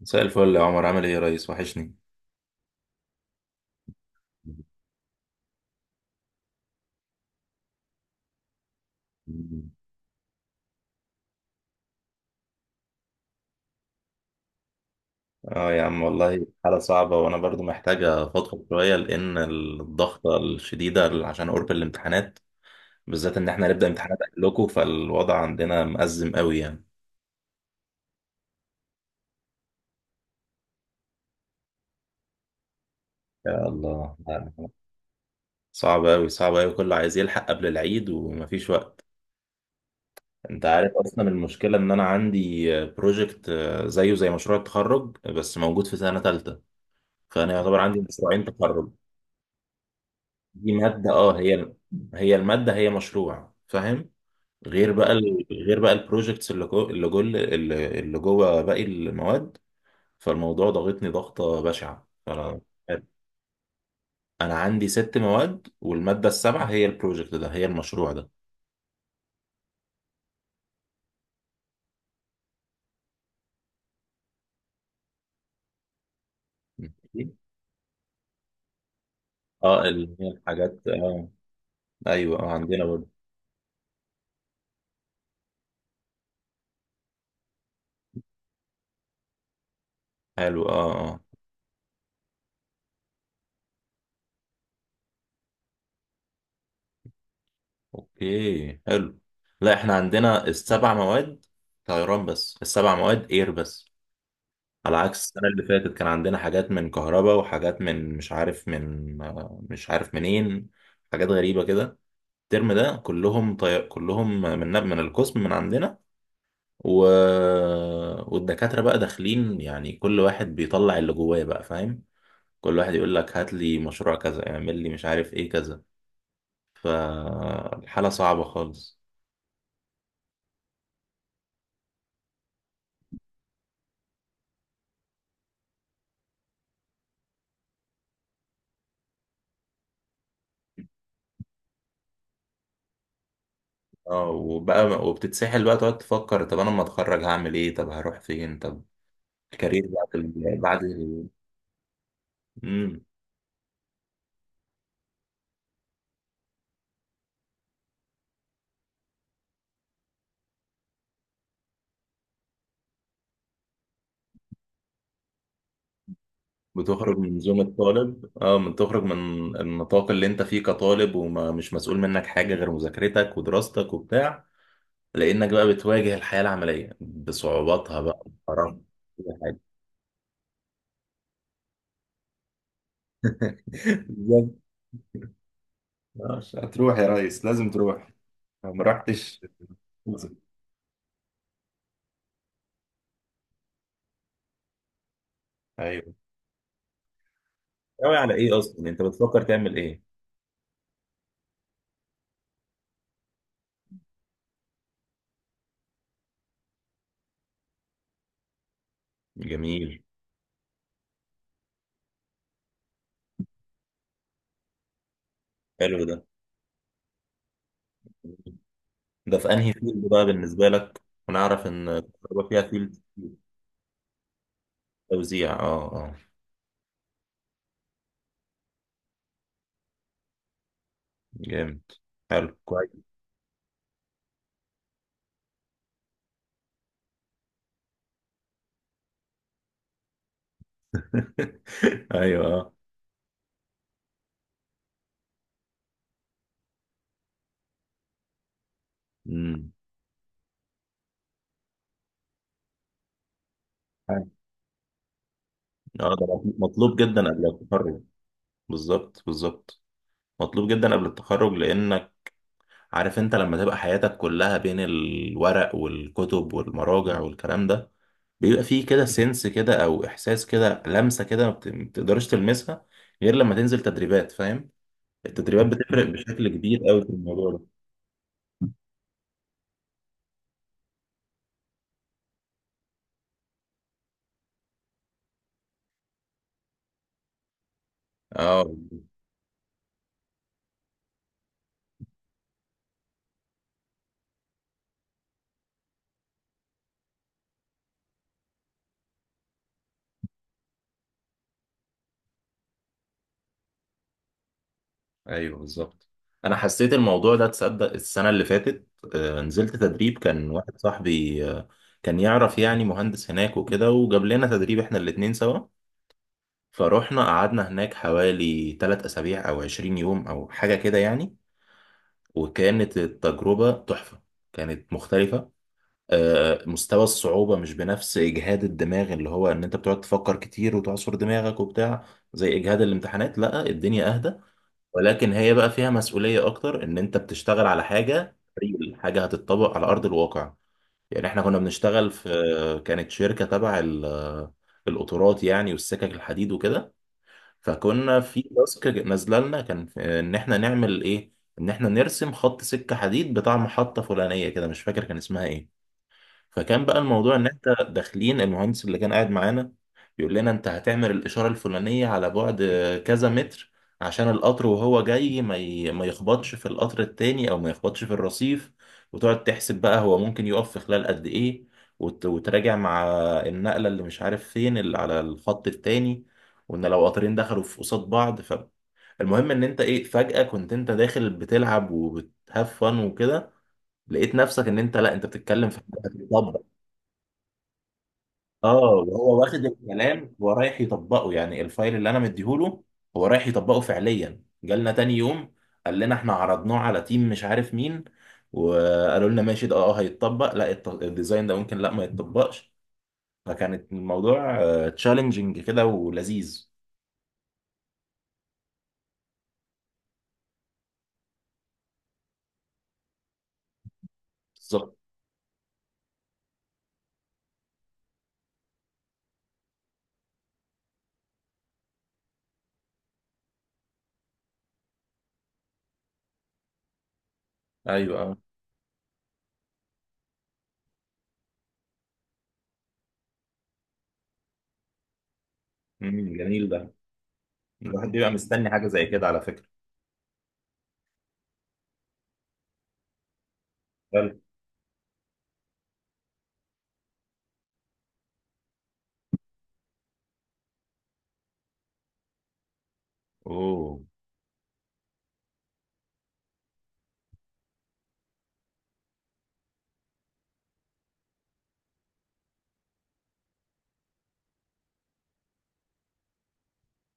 مساء الفل يا عمر، عامل ايه يا ريس؟ وحشني. اه يا عم والله، حالة صعبة وانا برضو محتاجة افضفض شوية لان الضغطة الشديدة عشان قرب الامتحانات، بالذات ان احنا هنبدأ امتحانات قبلكم، فالوضع عندنا مأزم قوي يعني. يا الله، صعب قوي صعب قوي، كله عايز يلحق قبل العيد ومفيش وقت. انت عارف اصلا المشكلة ان انا عندي بروجكت زيه زي مشروع التخرج بس موجود في سنة تالتة، فانا يعتبر عندي مشروعين تخرج. دي مادة، اه، هي المادة، هي مشروع فاهم؟ غير بقى غير بقى البروجكتس اللي جوه اللي جوه باقي المواد. فالموضوع ضغطني ضغطة بشعة، فانا عندي ست مواد، والمادة السابعة هي البروجكت ده، هي المشروع ده. اه اللي هي الحاجات، اه ايوه اه عندنا برضه. حلو، اه اه. اوكي حلو. لا احنا عندنا السبع مواد طيران، بس السبع مواد اير بس، على عكس السنة اللي فاتت كان عندنا حاجات من كهرباء وحاجات من مش عارف من مش عارف منين، حاجات غريبة كده. الترم ده كلهم من القسم من عندنا و... والدكاترة بقى داخلين يعني، كل واحد بيطلع اللي جواه بقى فاهم؟ كل واحد يقول لك هات لي مشروع كذا، اعمل لي مش عارف ايه كذا. فالحالة صعبة خالص. اه وبقى وبتتسحل بقى تقعد تفكر، طب انا لما اتخرج هعمل ايه؟ طب هروح فين؟ طب الكارير بعد مم. بتخرج من زوم الطالب، اه من تخرج من النطاق اللي انت فيه كطالب ومش مسؤول منك حاجة غير مذاكرتك ودراستك وبتاع، لانك بقى بتواجه الحياة العملية بصعوباتها بقى بحرام. كل حاجة. بالظبط. آه، هتروح يا ريس، لازم تروح لو ما رحتش تنزل. ايوه. ناوي على ايه اصلا؟ انت بتفكر تعمل ايه؟ جميل. حلو ده. ده في انهي فيلد بقى بالنسبة لك، ونعرف ان الكهرباء فيها فيلد توزيع، اه اه. جامد، حلو كويس. ايوه اه. امم. اه ده مطلوب جدا قبل التخرج. بالظبط بالظبط. مطلوب جدا قبل التخرج لانك عارف، انت لما تبقى حياتك كلها بين الورق والكتب والمراجع والكلام ده، بيبقى فيه كده سنس كده، او احساس كده، لمسة كده ما بتقدرش تلمسها غير لما تنزل تدريبات فاهم؟ التدريبات بتفرق بشكل كبير قوي في الموضوع ده. اه ايوه بالظبط. انا حسيت الموضوع ده تصدق السنه اللي فاتت، نزلت تدريب، كان واحد صاحبي كان يعرف يعني مهندس هناك وكده، وجاب لنا تدريب احنا الاتنين سوا. فروحنا قعدنا هناك حوالي 3 اسابيع او 20 يوم او حاجه كده يعني. وكانت التجربه تحفه، كانت مختلفه. مستوى الصعوبة مش بنفس إجهاد الدماغ اللي هو إن أنت بتقعد تفكر كتير وتعصر دماغك وبتاع، زي إجهاد الامتحانات، لا الدنيا أهدى. ولكن هي بقى فيها مسؤولية أكتر، إن أنت بتشتغل على حاجة ريل، حاجة هتتطبق على أرض الواقع. يعني إحنا كنا بنشتغل في، كانت شركة تبع القطارات يعني والسكك الحديد وكده. فكنا في تاسك نازلة لنا، إن إحنا نعمل إيه، إن إحنا نرسم خط سكة حديد بتاع محطة فلانية كده، مش فاكر كان اسمها إيه. فكان بقى الموضوع ان انت داخلين المهندس اللي كان قاعد معانا يقول لنا انت هتعمل الاشاره الفلانيه على بعد كذا متر، عشان القطر وهو جاي ما يخبطش في القطر التاني او ما يخبطش في الرصيف. وتقعد تحسب بقى هو ممكن يقف في خلال قد ايه، وتراجع مع النقله اللي مش عارف فين اللي على الخط التاني، وان لو قطرين دخلوا في قصاد بعض. فالمهم ان انت ايه، فجاه كنت انت داخل بتلعب وبتهاف فن وكده، لقيت نفسك ان انت لا انت بتتكلم في حاجه. اه وهو واخد الكلام ورايح يطبقه يعني الفايل اللي انا مديهوله، هو رايح يطبقه فعليا. جالنا تاني يوم قال لنا احنا عرضناه على تيم مش عارف مين، وقالوا لنا ماشي ده اه هيتطبق، لا الديزاين ده ممكن لا ما يتطبقش. فكانت الموضوع تشالنجينج كده ولذيذ. بالظبط ايوه اه. أمم، جميل ده. الواحد بيبقى مستني حاجه زي كده على فكره. فعلا. اوه.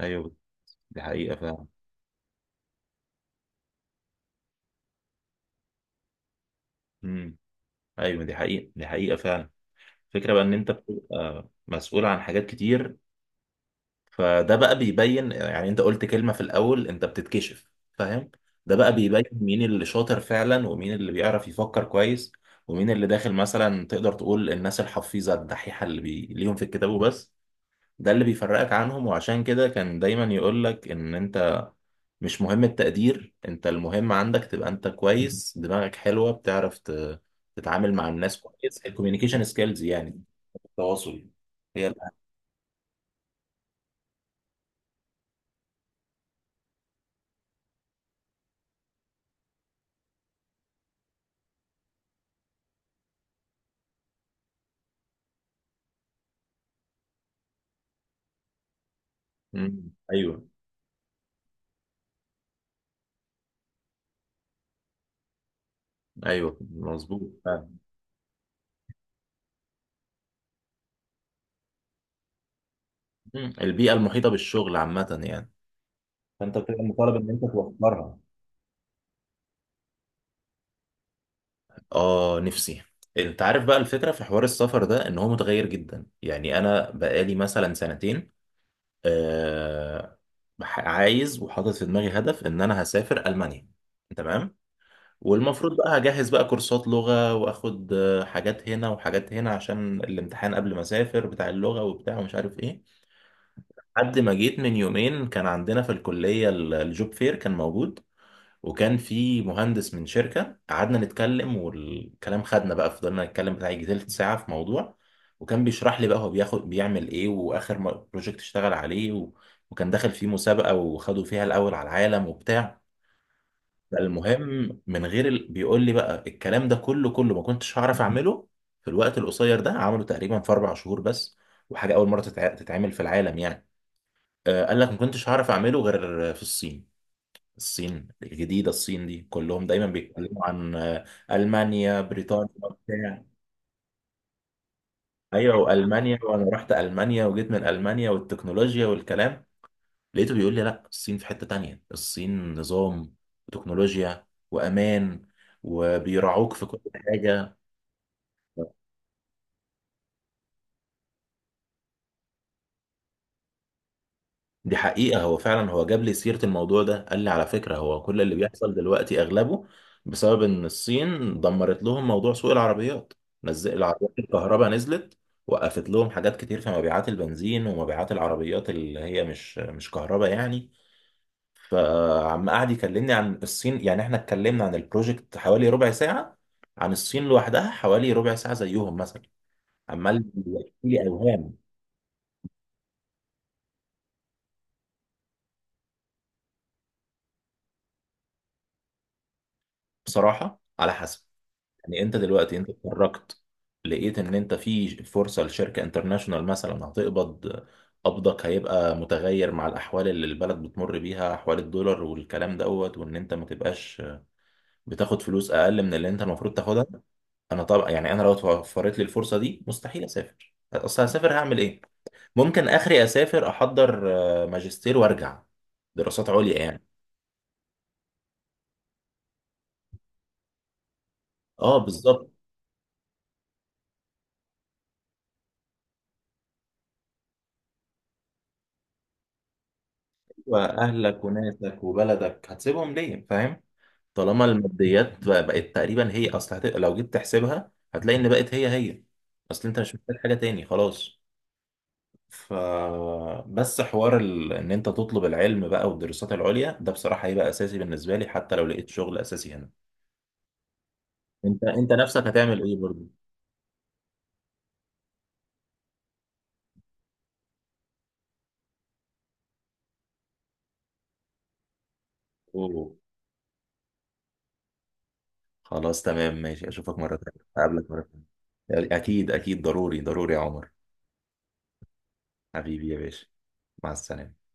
ايوه دي حقيقه فعلا. امم. ايوه دي حقيقه، دي حقيقه فعلا. فكرة بقى ان انت بتبقى مسؤول عن حاجات كتير. فده بقى بيبين، يعني انت قلت كلمة في الاول انت بتتكشف فاهم؟ ده بقى بيبين مين اللي شاطر فعلا، ومين اللي بيعرف يفكر كويس، ومين اللي داخل مثلا تقدر تقول الناس الحفيظة الدحيحة اللي ليهم في الكتاب وبس. ده اللي بيفرقك عنهم، وعشان كده كان دايما يقولك ان انت مش مهم التقدير انت، المهم عندك تبقى انت كويس، دماغك حلوة بتعرف تتعامل مع الناس كويس، الكوميونيكيشن سكيلز يعني، التواصل. هي. مم. ايوه ايوه مظبوط فعلا. مم. البيئه المحيطه بالشغل عامه يعني، فانت بتبقى مطالب ان انت توفرها. اه نفسي. انت عارف بقى الفكره في حوار السفر ده ان هو متغير جدا، يعني انا بقالي مثلا سنتين آه عايز وحاطط في دماغي هدف ان انا هسافر المانيا، تمام. والمفروض بقى هجهز بقى كورسات لغه، واخد حاجات هنا وحاجات هنا عشان الامتحان قبل ما اسافر بتاع اللغه وبتاع ومش عارف ايه. لحد ما جيت من يومين كان عندنا في الكلية الجوب فير كان موجود، وكان في مهندس من شركة قعدنا نتكلم، والكلام خدنا بقى، فضلنا نتكلم بتاع يجي تلت ساعة في موضوع. وكان بيشرح لي بقى هو بياخد بيعمل ايه، واخر بروجكت اشتغل عليه وكان داخل فيه مسابقة، وخدوا فيها الأول على العالم وبتاع. فالمهم، من غير بيقول لي بقى الكلام ده، كله ما كنتش هعرف أعمله في الوقت القصير ده، عمله تقريبا في أربع شهور بس، وحاجة أول مرة تتعمل في العالم يعني. قال لك ما كنتش هعرف اعمله غير في الصين، الصين الجديدة، الصين دي كلهم دايما بيتكلموا عن ألمانيا بريطانيا بتاع. ايوه وألمانيا، وانا رحت ألمانيا وجيت من ألمانيا والتكنولوجيا والكلام، لقيته بيقول لي لا الصين في حتة تانية، الصين نظام وتكنولوجيا وأمان، وبيراعوك في كل حاجة. دي حقيقة. هو فعلا هو جاب لي سيرة الموضوع ده قال لي على فكرة هو كل اللي بيحصل دلوقتي أغلبه بسبب إن الصين دمرت لهم موضوع سوق العربيات، نزل العربيات الكهرباء نزلت، وقفت لهم حاجات كتير في مبيعات البنزين ومبيعات العربيات اللي هي مش كهرباء يعني. فعم قعد يكلمني عن الصين يعني، احنا اتكلمنا عن البروجكت حوالي ربع ساعة، عن الصين لوحدها حوالي ربع ساعة زيهم مثلا، عمال يحكي لي أوهام. بصراحة على حسب، يعني انت دلوقتي انت اتخرجت، لقيت ان انت في فرصه لشركه انترناشونال مثلا هتقبض، قبضك هيبقى متغير مع الاحوال اللي البلد بتمر بيها، احوال الدولار والكلام دوت، وان انت ما تبقاش بتاخد فلوس اقل من اللي انت المفروض تاخدها. انا طبعا يعني، انا لو اتوفرت لي الفرصه دي مستحيل اسافر، اصل هسافر هعمل ايه؟ ممكن اخري اسافر احضر ماجستير وارجع، دراسات عليا يعني. اه بالظبط. واهلك وناسك وبلدك هتسيبهم ليه فاهم؟ طالما الماديات بقت تقريبا هي، اصل لو جيت تحسبها هتلاقي ان بقت هي هي، اصل انت مش محتاج حاجة تاني خلاص. ف بس حوار ان انت تطلب العلم بقى والدراسات العليا ده بصراحة هيبقى اساسي بالنسبة لي حتى لو لقيت شغل اساسي هنا. انت نفسك هتعمل ايه برضه؟ اوه. خلاص تمام ماشي، اشوفك مرة تانية، اقابلك مرة تانية اكيد اكيد ضروري ضروري يا عمر، حبيبي يا باشا. مع السلامة.